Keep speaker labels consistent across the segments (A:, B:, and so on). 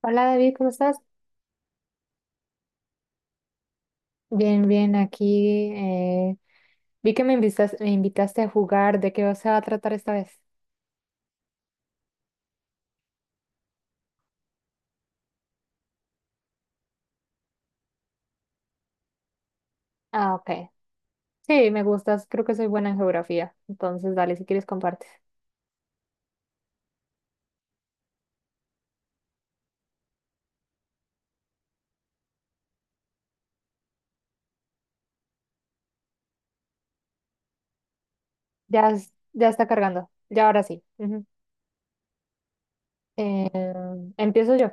A: Hola David, ¿cómo estás? Bien, bien, aquí. Vi que me invitaste a jugar. ¿De qué se va a tratar esta vez? Ah, ok. Sí, me gustas. Creo que soy buena en geografía. Entonces, dale, si quieres, compartes. Ya, ya está cargando. Ya ahora sí. Ujú. Eh, empiezo yo.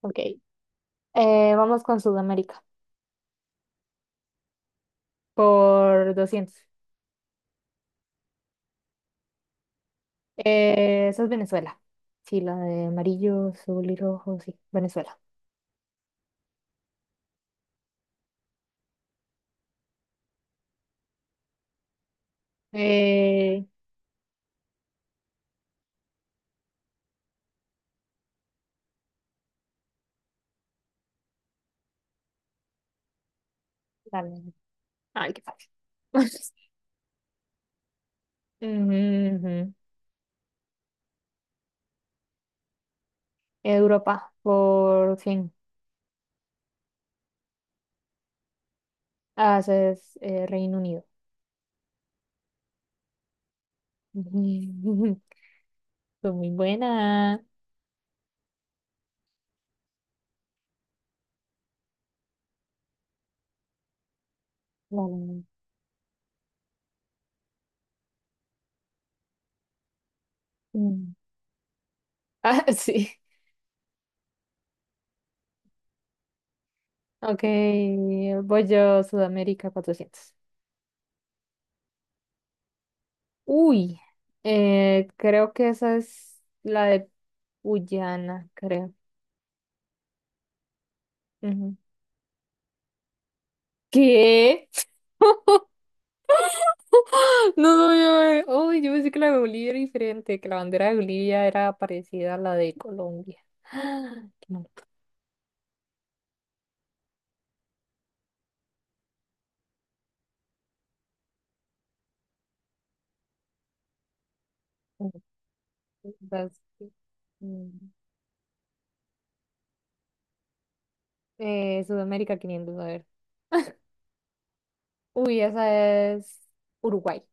A: Ok. Vamos con Sudamérica. Por doscientos. Eso es Venezuela. Sí, la de amarillo, azul y rojo. Sí, Venezuela. Eh, dale. Ay, qué fácil. Ujú, ujú. Europa, por fin. Haces Reino Unido. Fue muy buena. Vale. Mm. Ah, sí. Ok, voy yo Sudamérica 400. Uy, creo que esa es la de Guyana, creo. Ujú. ¿Qué? No sabía. Uy, yo pensé que la de Bolivia era diferente, que la bandera de Bolivia era parecida a la de Colombia. Qué mal. Entonces, mm, Sudamérica 500 a ver. Uy, esa es Uruguay.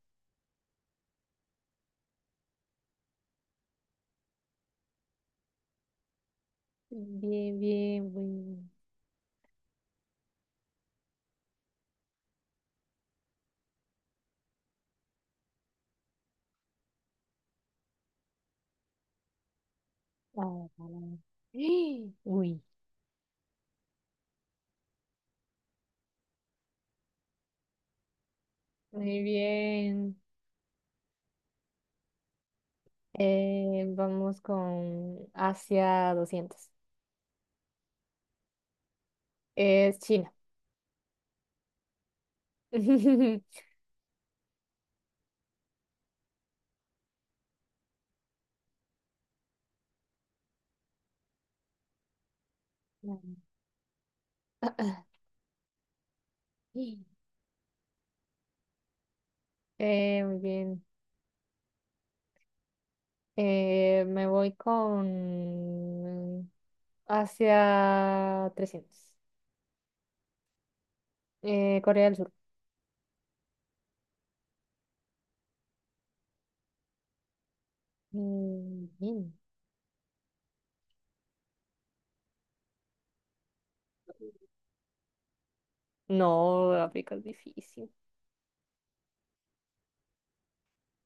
A: Bien, bien, bien. Ah, Uy, muy bien. Vamos con Asia doscientos. Es China. Muy bien. Me voy con Asia trescientos. Corea del Sur. Mm, bien. No, África es difícil.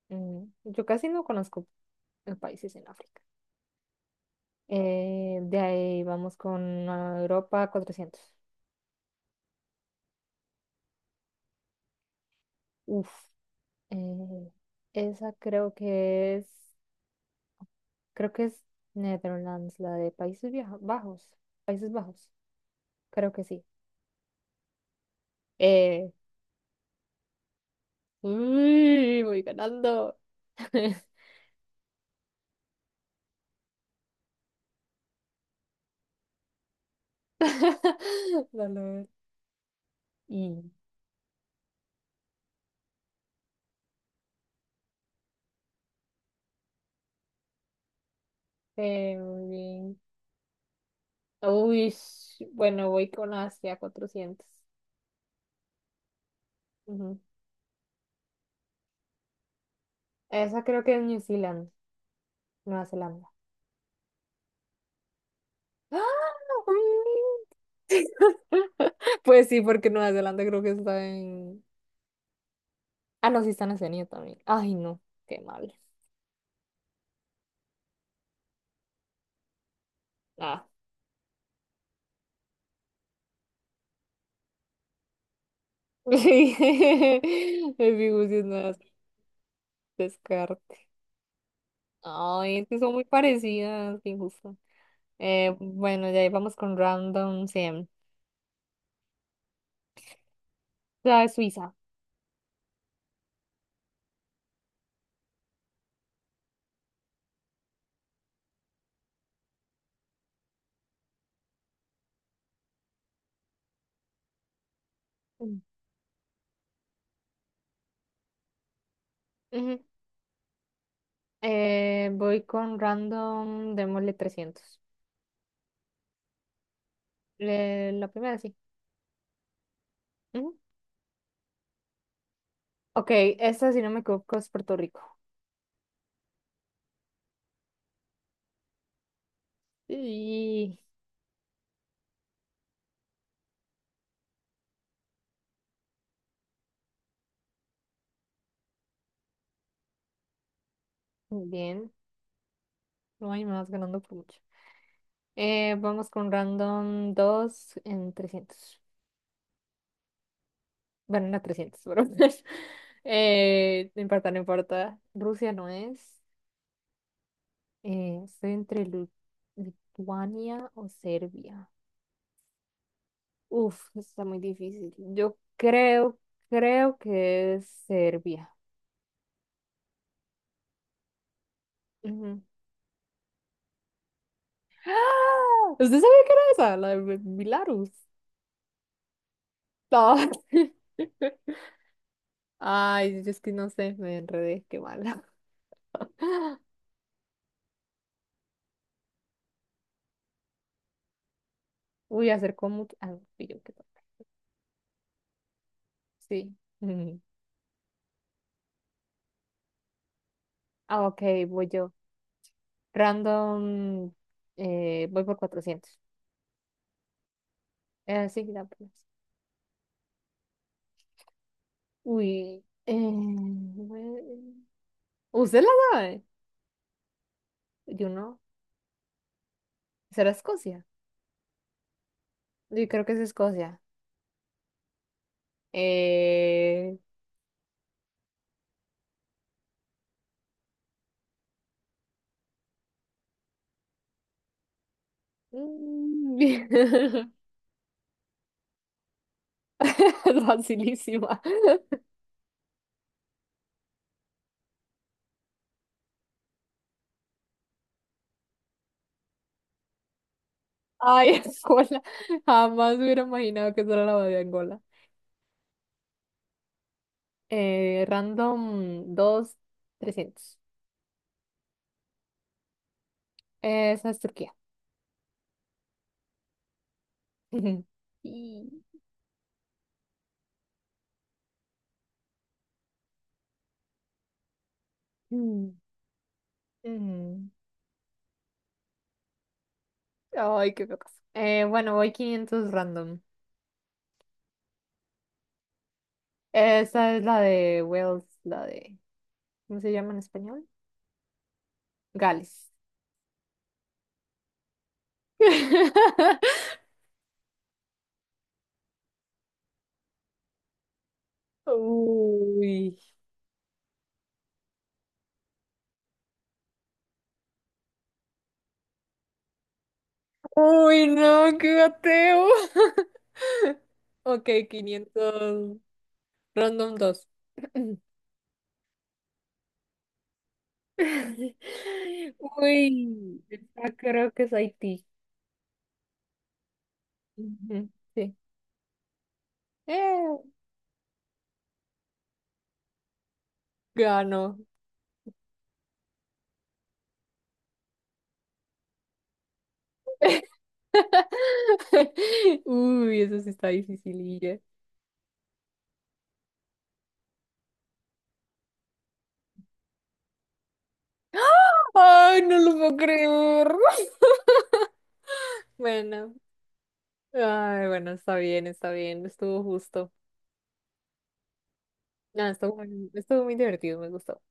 A: Mm, yo casi no conozco países en África. De ahí vamos con ah, Europa cuatrocientos. Uf, eh, esa creo que es Netherlands, la de Bajos, Países Bajos, creo que sí. Eh, voy ganando. Dale, a ver. Y, muy bien. Uy, bueno, voy con Asia 400. Ujú. Esa creo que es New Zealand, Nueva Zelanda. ¡Ah! Mm. Pues sí, porque Nueva Zelanda creo que está en... Ah, no, sí está en Oceanía también. Ay, no, qué mal. Ah. El Fibusi es Nueva Zelanda, descarte. Ay, es que son muy parecidas, qué injusto. Bueno, ya ahí vamos con Random 100. ¿Sabes? Suiza. Mm. Ujú. Voy con Random, démosle trescientos. La primera, sí. Ok, esta, si no me equivoco, es Puerto Rico. Y bien, no hay más ganando por mucho. Vamos con random 2 en trescientos. Bueno, no 300 pero no importa, no importa. Rusia no es. Eh, estoy entre Lu- Lituania o Serbia. Uf, esto está muy difícil. Creo que es Serbia. Ujú. ¡Ah! ¿Usted sabía que era esa? La de Belarus. Ah, Ay, yo es que no sé, me enredé, qué mala. Uy, acercó mucho. Ah, fui yo, qué tal. Sí. Mm. Ah, ok, voy yo. Random, voy por cuatrocientos. Sí, ya, pues. Bueno. ¿Usted la sabe? Yo no. ¿Será Escocia? Yo creo que es Escocia. Eh... mm, facilísima. Ay, Angola. Jamás hubiera imaginado que eso era la bandera de Angola. Random dos trescientos. Esa es Turquía. Ujú. Y... mm, mm. Ay, qué locas. Bueno, voy quinientos random. Esa es la de Wales, la de... ¿Cómo se llama en español? Gales. Uy. Uy, no, qué ateo. Ok, 500 random 2 Uy, ya creo que es Haití. Ujú, sí. Eh, ganó. Uy, eso sí está dificililla. Ay, no lo puedo creer. Bueno, ay, bueno, está bien, estuvo justo. No, estuvo muy divertido, me gustó.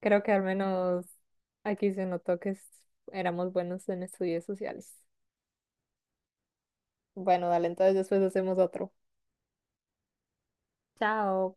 A: Creo que al menos aquí se notó que éramos buenos en estudios sociales. Bueno, dale, entonces después hacemos otro. Chao.